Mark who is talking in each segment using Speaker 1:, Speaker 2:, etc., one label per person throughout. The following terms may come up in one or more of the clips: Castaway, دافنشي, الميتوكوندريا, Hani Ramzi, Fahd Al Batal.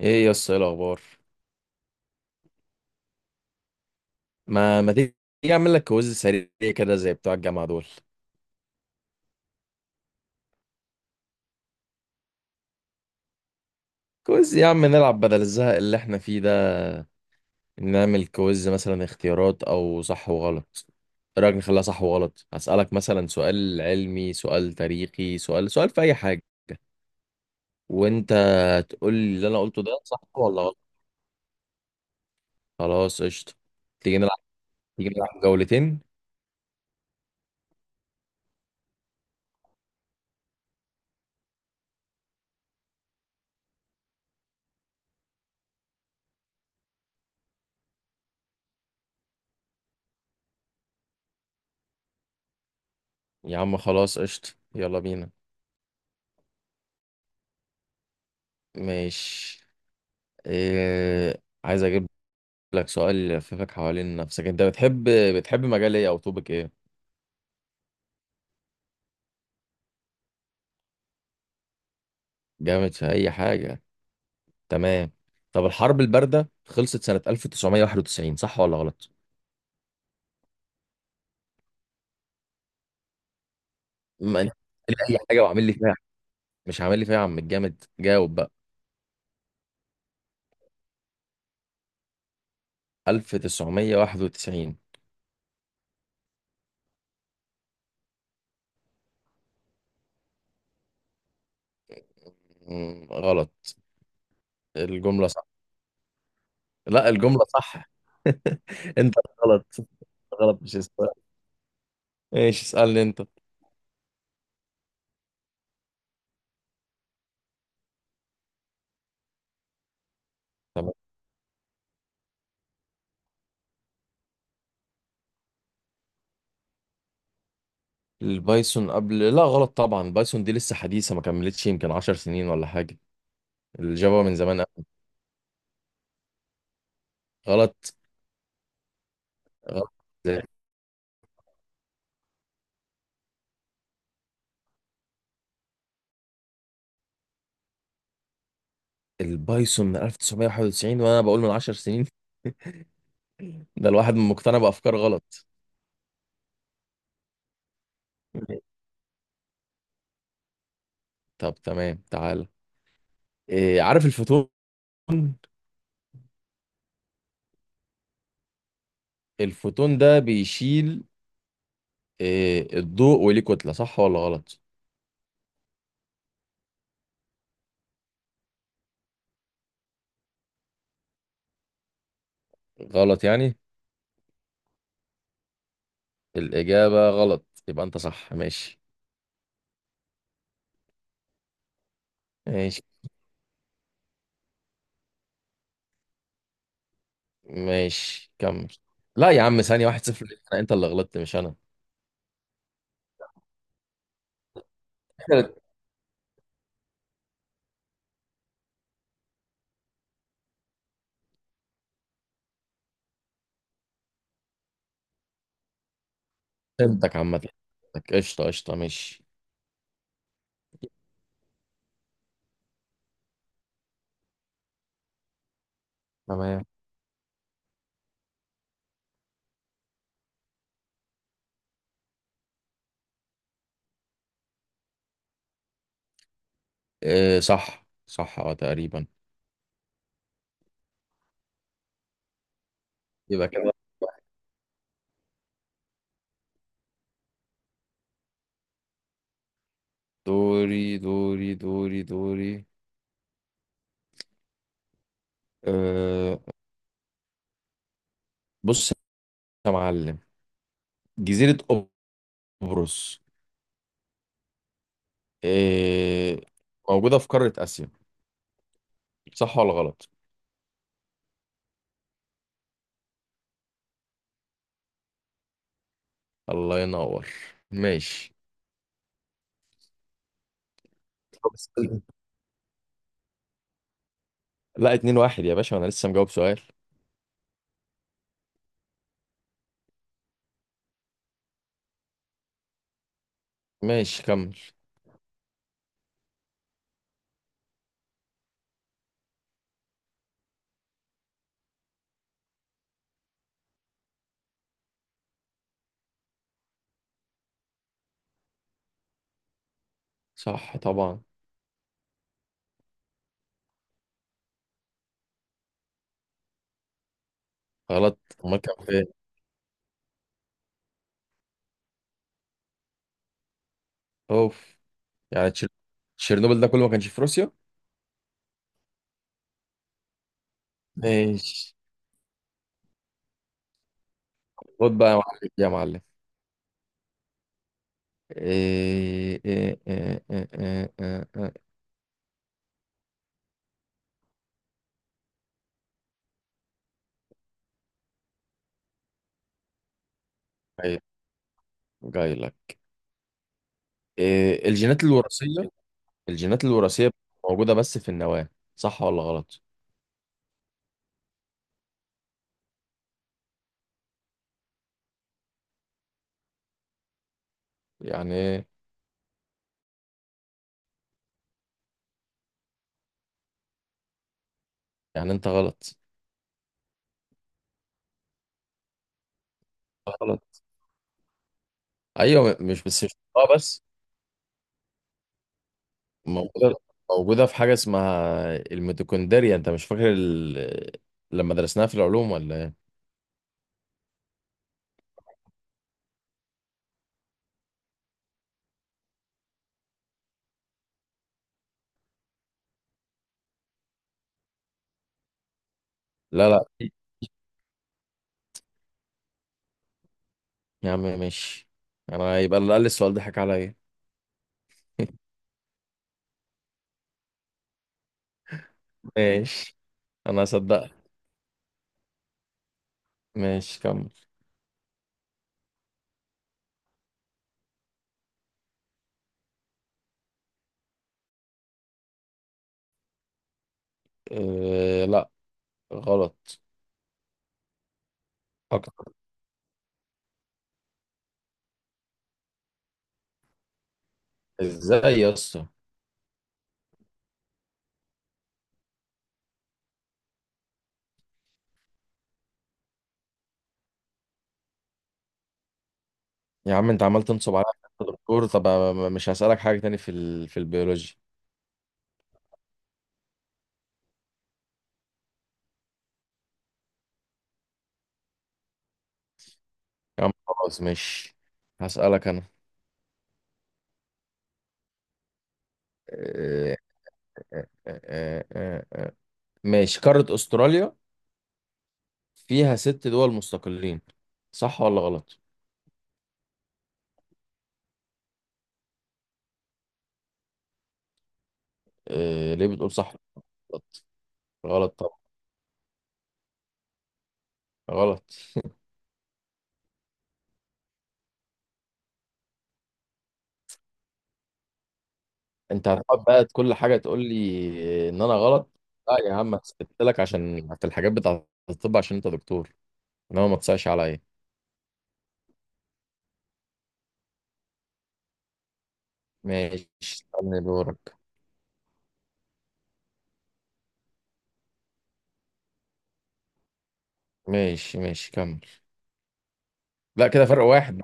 Speaker 1: ايه يا اسطى، ايه الاخبار؟ ما تيجي اعمل لك كويز سريع، كده زي بتوع الجامعه دول. كويز يا عم، نلعب بدل الزهق اللي احنا فيه ده. نعمل كويز مثلا اختيارات او صح وغلط. ايه رايك نخليها صح وغلط؟ هسالك مثلا سؤال علمي، سؤال تاريخي، سؤال في اي حاجه. وانت تقول لي اللي انا قلته ده صح ولا غلط. خلاص قشطه. تيجي نلعب تيجي نلعب جولتين. يا عم خلاص قشطه، يلا بينا. ماشي. عايز اجيب لك سؤال يلففك حوالين نفسك. انت بتحب مجال ايه او توبك ايه؟ جامد في اي حاجه، تمام. طب الحرب البارده خلصت سنه 1991، صح ولا غلط؟ ما انت قال لي اي حاجه وعامل لي فيها. مش عامل لي فيها يا عم الجامد، جاوب بقى. 1991. مم، غلط. الجمله صح. لا الجمله صح. انت غلط. غلط مش السؤال، ايش اسالني انت. تمام. البايثون قبل، لا غلط طبعا. بايثون دي لسه حديثه، ما كملتش يمكن 10 سنين ولا حاجه. الجافا من زمان. غلط. غلط. البايثون من 1991 وانا بقول من 10 سنين. ده الواحد مقتنع بافكار غلط. طب تمام تعال. إيه، عارف الفوتون؟ الفوتون ده بيشيل إيه الضوء وليه كتلة، صح ولا غلط؟ غلط يعني. الإجابة غلط يبقى أنت صح، ماشي. ماشي. ماشي كمل. لا يا عم، ثانية 1-0 ليك. أنت اللي غلطت مش أنا. فهمتك، عامة فهمتك. قشطة قشطة، ماشي. تمام. إيه، صح صح، أه تقريبا. يبقى كده واحد. دوري دوري دوري دوري. أه. بص يا معلم، جزيرة قبرص، أه، موجودة في قارة آسيا، صح ولا غلط؟ الله ينور. ماشي. بس- لا 2-1 يا باشا، وانا لسه مجاوب سؤال. ماشي كمل. صح طبعا. غلط. امال كان فين؟ اوف. يعني تشيرنوبل ده كله ما كانش في روسيا؟ ماشي. خد بقى يا معلم يا معلم. إيه إيه إيه إيه إيه. إيه. إيه. جاي لك. إيه الجينات الوراثية موجودة بس في النواة، صح ولا غلط؟ يعني إيه؟ يعني انت غلط. غلط. ايوه مش بس، مش اه بس. موجودة موجودة في حاجة اسمها الميتوكوندريا. انت مش فاكر لما درسناها في العلوم ولا ايه؟ لا لا يا عم ماشي. انا يبقى اللي قال لي السؤال ده حكى عليا. ماشي، انا هصدقك. ماشي كمل. إيه لا، غلط. اكتر. ازاي يا اسطى. يا عم انت عمال تنصب عليا في الدكتور طب. مش هسألك حاجة تاني في البيولوجي. يا عم خلاص ماشي، هسألك انا. آه، آه، آه، آه، آه. ماشي، قارة استراليا فيها ست دول مستقلين، صح ولا غلط؟ ليه بتقول صح؟ غلط. غلط طبعا. غلط. انت هتقعد بقى كل حاجة تقول لي ان انا غلط. لا يا عم، هسكت لك عشان في الحاجات بتاعة الطب عشان انت دكتور، انما ما تصعش عليا. ماشي، استنى دورك. ماشي. ماشي كمل. لا كده فرق واحد.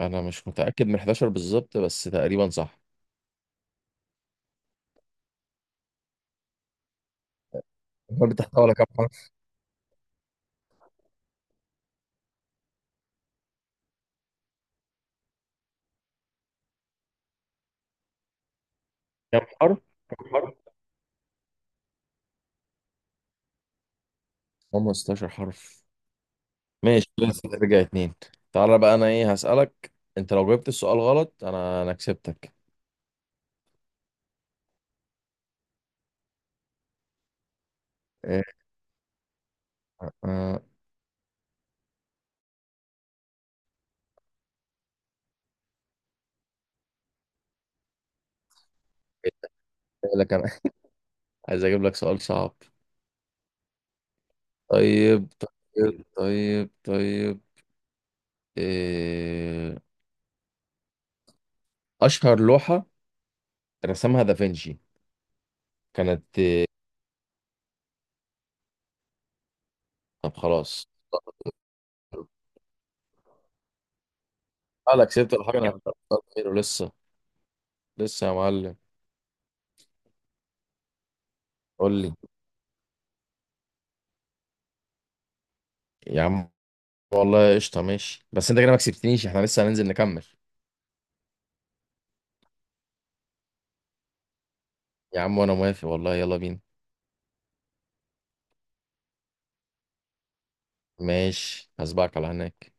Speaker 1: انا مش متاكد من 11 بالظبط بس تقريبا صح. الحرف تحتوي على كام حرف؟ كم حرف؟ كم حرف؟ 15 حرف. ماشي لسه ترجع اتنين. تعالى بقى انا ايه هسالك. انت لو جبت السؤال غلط انا كسبتك. إيه، آه، أقول لك أنا. عايز اجيب لك سؤال صعب. طيب طيب طيب طيب. إيه... اشهر لوحة رسمها دافنشي كانت إيه؟ طب خلاص. انا كسبت الحاجة، انا هختار. خير ولسه. لسه يا معلم. قول لي يا عم، والله قشطة ماشي. بس انت كده ما كسبتنيش، احنا لسه هننزل نكمل. يا عم وانا موافق والله، يلا بينا. ماشي، هسبقك على هناك.